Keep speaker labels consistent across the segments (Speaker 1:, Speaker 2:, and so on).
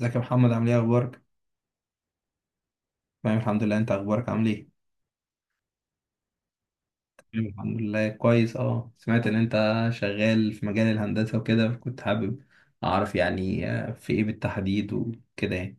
Speaker 1: ازيك يا محمد، عامل ايه اخبارك؟ تمام الحمد لله، انت اخبارك عامل ايه؟ تمام الحمد لله كويس. اه سمعت ان انت شغال في مجال الهندسة وكده، كنت حابب اعرف يعني في ايه بالتحديد وكده يعني.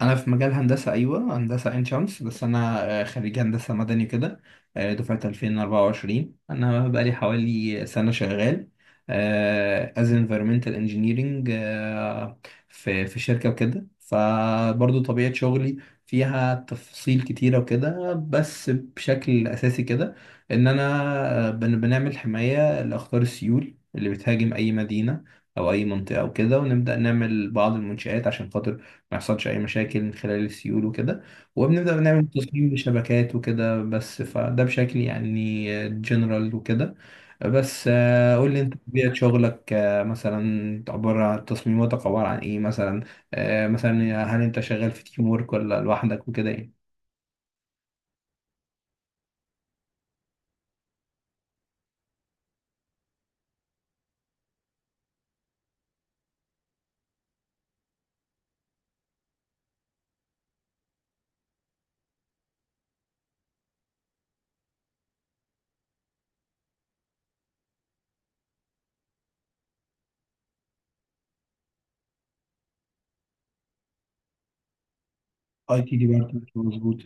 Speaker 1: انا في مجال هندسه، ايوه هندسه عين شمس، بس انا خريج هندسه مدني كده. دفعه 2024 انا بقالي حوالي سنه شغال as environmental engineering. في شركه وكده، فبرضو طبيعه شغلي فيها تفاصيل كتيره وكده، بس بشكل اساسي كده ان انا بنعمل حمايه لاخطار السيول اللي بتهاجم اي مدينه او اي منطقه وكده، ونبدا نعمل بعض المنشآت عشان خاطر ما يحصلش اي مشاكل من خلال السيول وكده، وبنبدا نعمل تصميم لشبكات وكده، بس فده بشكل يعني جنرال وكده. بس قول لي انت طبيعه شغلك مثلا عباره عن تصميماتك عباره عن ايه مثلا؟ مثلا هل انت شغال في تيم وورك ولا لوحدك وكده يعني؟ اي تي ديبارتمنت، مظبوط.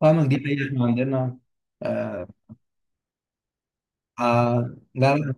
Speaker 1: فاهمك، دي حقيقة احنا عندنا. آه، آه، لا، لا،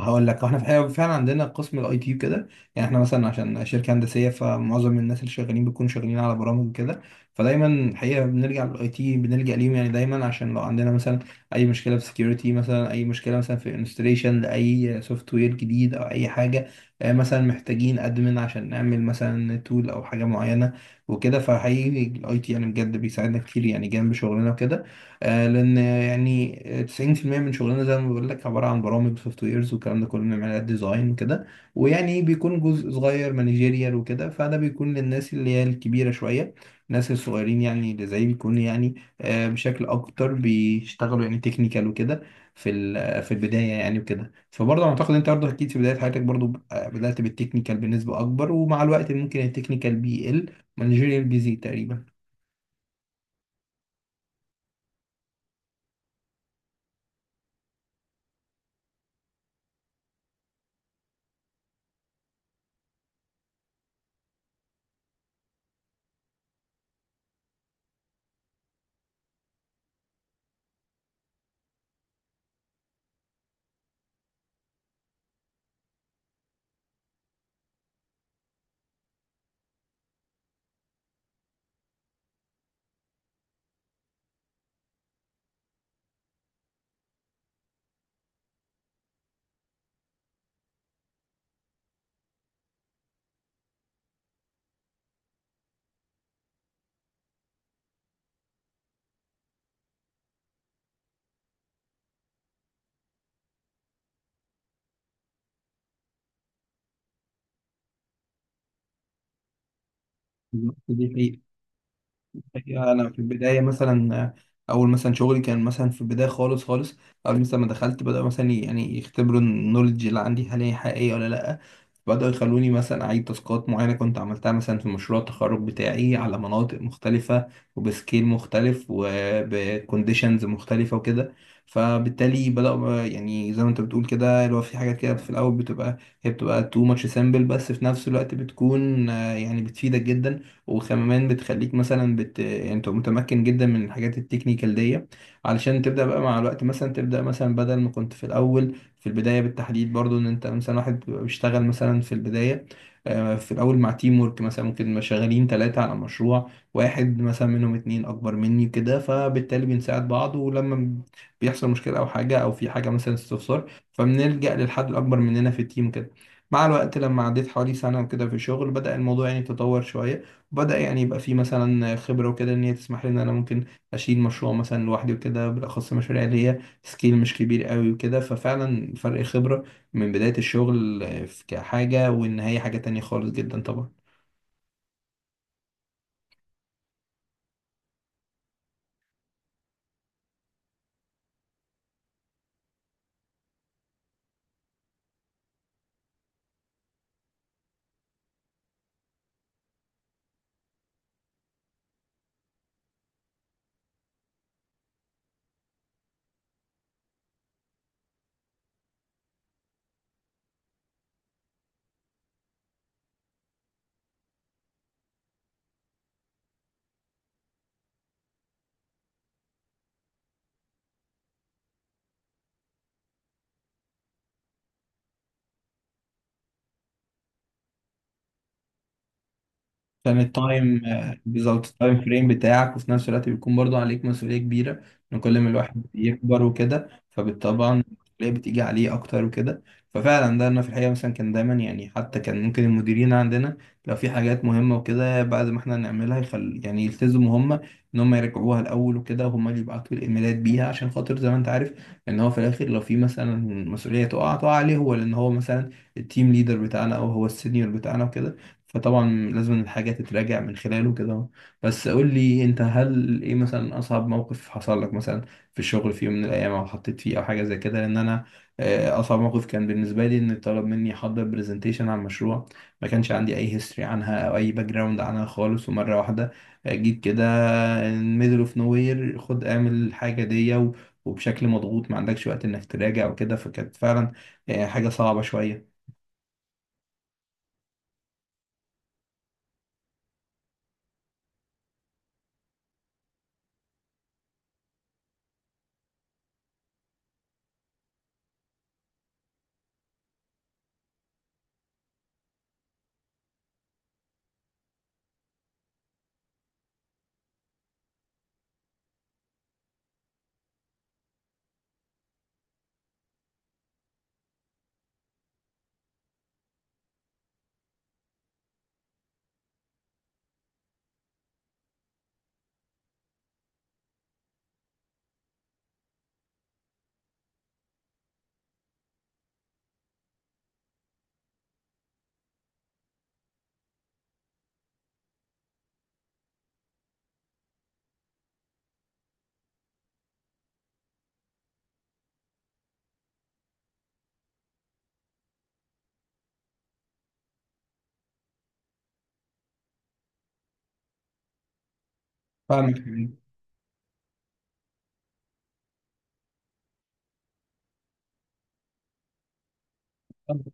Speaker 1: هقول لك احنا الحقيقة فعلا عندنا قسم الاي تي كده. يعني احنا مثلا عشان شركه هندسيه، فمعظم الناس اللي شغالين بيكونوا شغالين على برامج كده. فدايما الحقيقه بنرجع للاي تي، بنلجا ليهم يعني دايما، عشان لو عندنا مثلا اي مشكله في سكيورتي، مثلا اي مشكله مثلا في انستليشن لاي سوفت وير جديد، او اي حاجه مثلا محتاجين ادمن عشان نعمل مثلا تول او حاجه معينه وكده، فحقيقي الاي تي يعني بجد بيساعدنا كتير يعني جنب شغلنا وكده. لان يعني 90% من شغلنا زي ما بقول لك عباره عن برامج سوفت ويرز والكلام ده كله، بنعمل ديزاين وكده، ويعني بيكون جزء صغير مانجيريال وكده. فده بيكون للناس اللي هي الكبيره شويه، الناس الصغيرين يعني اللي زي بيكون يعني بشكل اكتر بيشتغلوا يعني تكنيكال وكده، في البدايه يعني وكده. فبرضه اعتقد انت برضه اكيد في بدايه حياتك برضه بدات بالتكنيكال بنسبه اكبر، ومع الوقت ممكن التكنيكال بيقل، مانجيريال بيزيد تقريبا. بالظبط، دي حقيقة. الحقيقة أنا في البداية مثلا أول مثلا شغلي كان مثلا في البداية خالص خالص، أول مثلا ما دخلت بدأوا مثلا يعني يختبروا النولج اللي عندي هل هي حقيقية ولا لأ. بدأوا يخلوني مثلا أعيد تاسكات معينة كنت عملتها مثلا في مشروع التخرج بتاعي على مناطق مختلفة وبسكيل مختلف وبكونديشنز مختلفة وكده. فبالتالي بدأوا يعني زي ما أنت بتقول كده اللي هو في حاجات كده في الأول بتبقى، هي بتبقى too much simple، بس في نفس الوقت بتكون يعني بتفيدك جدا. وكمان بتخليك مثلا يعني انت متمكن جدا من الحاجات التكنيكال دي، علشان تبدأ بقى مع الوقت مثلا تبدأ مثلا بدل ما كنت في الأول في البداية بالتحديد برضو ان انت مثلا واحد بيبقى بيشتغل مثلا في البداية في الأول مع تيم ورك. مثلا ممكن نبقى شغالين ثلاثة على مشروع واحد مثلا منهم اتنين أكبر مني كده، فبالتالي بنساعد بعض. ولما بيحصل مشكلة أو حاجة أو في حاجة مثلا استفسار، فبنلجأ للحد الأكبر مننا في التيم كده. مع الوقت لما عديت حوالي سنة وكده في الشغل بدأ الموضوع يعني يتطور شوية. بدأ يعني يبقى في مثلا خبرة وكده، إن هي تسمح لي إن أنا ممكن أشيل مشروع مثلا لوحدي وكده، بالأخص المشاريع اللي هي سكيل مش كبير قوي وكده. ففعلا فرق خبرة من بداية الشغل كحاجة والنهاية حاجة تانية خالص جدا طبعا. عشان التايم بالظبط التايم فريم بتاعك، وفي نفس الوقت بيكون برضو عليك مسؤولية كبيرة. ان كل ما الواحد بيكبر وكده، فبالطبع المسؤولية بتيجي عليه اكتر وكده. ففعلا ده انا في الحقيقة مثلا كان دايما يعني، حتى كان ممكن المديرين عندنا لو في حاجات مهمة وكده بعد ما احنا نعملها يخل يعني يلتزموا هم ان هم يرجعوها الاول وكده، وهم اللي يبعتوا الايميلات بيها، عشان خاطر زي ما انت عارف ان هو في الاخر لو في مثلا مسؤولية تقع عليه هو، لان هو مثلا التيم ليدر بتاعنا او هو السينيور بتاعنا وكده. فطبعا لازم الحاجة تتراجع من خلاله كده. بس قول لي انت، هل ايه مثلا اصعب موقف حصل لك مثلا في الشغل في يوم من الايام، او حطيت فيه او حاجة زي كده؟ لان انا اصعب موقف كان بالنسبة لي ان طلب مني احضر برزنتيشن عن مشروع ما كانش عندي اي هيستوري عنها او اي باك جراوند عنها خالص، ومرة واحدة جيت كده ميدل اوف نو وير، خد اعمل الحاجة دي وبشكل مضغوط، ما عندكش وقت انك تراجع وكده. فكانت فعلا حاجة صعبة شوية. فاهمك. فاهمك.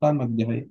Speaker 1: فاهمك، دي حقيقة.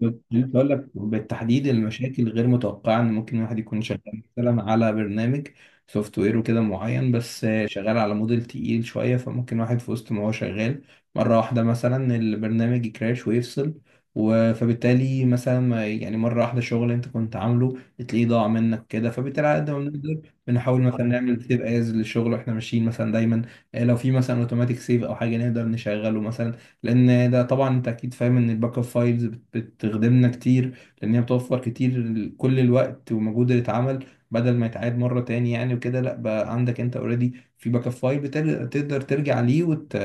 Speaker 1: كنت بقول لك بالتحديد المشاكل غير متوقعة، ان ممكن الواحد يكون شغال مثلا على برنامج سوفت وير وكده معين، بس شغال على موديل تقيل شوية، فممكن واحد في وسط ما هو شغال مرة واحدة مثلا البرنامج يكراش ويفصل فبالتالي مثلا يعني مرة واحدة شغل انت كنت عامله تلاقيه ضاع منك كده. فبالتالي على قد ما بنقدر، بنحاول مثلا نعمل سيف از للشغل واحنا ماشيين مثلا دايما. لو في مثلا اوتوماتيك سيف او حاجة نقدر نشغله مثلا، لان ده طبعا انت اكيد فاهم ان الباك اب فايلز بتخدمنا كتير، لان هي بتوفر كتير كل الوقت ومجهود اللي اتعمل بدل ما يتعاد مره تاني يعني وكده. لا بقى عندك انت اوريدي في باك اب فايل، بتقدر ترجع ليه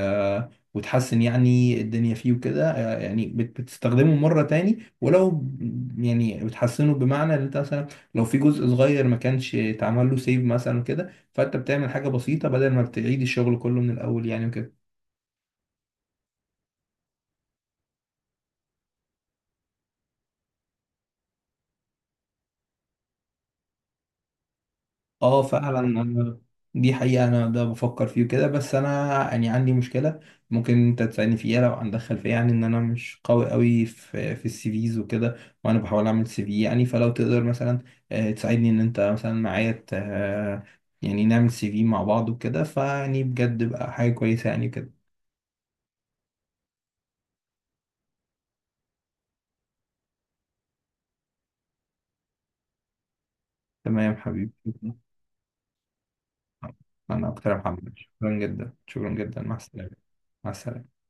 Speaker 1: وتحسن يعني الدنيا فيه وكده. آه، يعني بت- بتستخدمه مره تاني، ولو يعني بتحسنه بمعنى ان انت مثلا لو في جزء صغير ما كانش اتعمل له سيف مثلا كده، فانت بتعمل حاجه بسيطه بدل ما بتعيد الشغل كله من الاول يعني وكده. اه فعلا دي حقيقة انا ده بفكر فيه كده، بس انا يعني عندي مشكلة ممكن انت تساعدني فيها لو عندك خلفية، يعني ان انا مش قوي قوي في السي فيز وكده، وانا بحاول اعمل سي في يعني. فلو تقدر مثلا تساعدني ان انت مثلا معايا يعني نعمل سي في مع بعض وكده، فيعني بجد بقى حاجة كويسة يعني كده. تمام حبيبي. انا اكتر يا محمد، شكرا جدا شكرا جدا، مع السلامة. مع السلامة.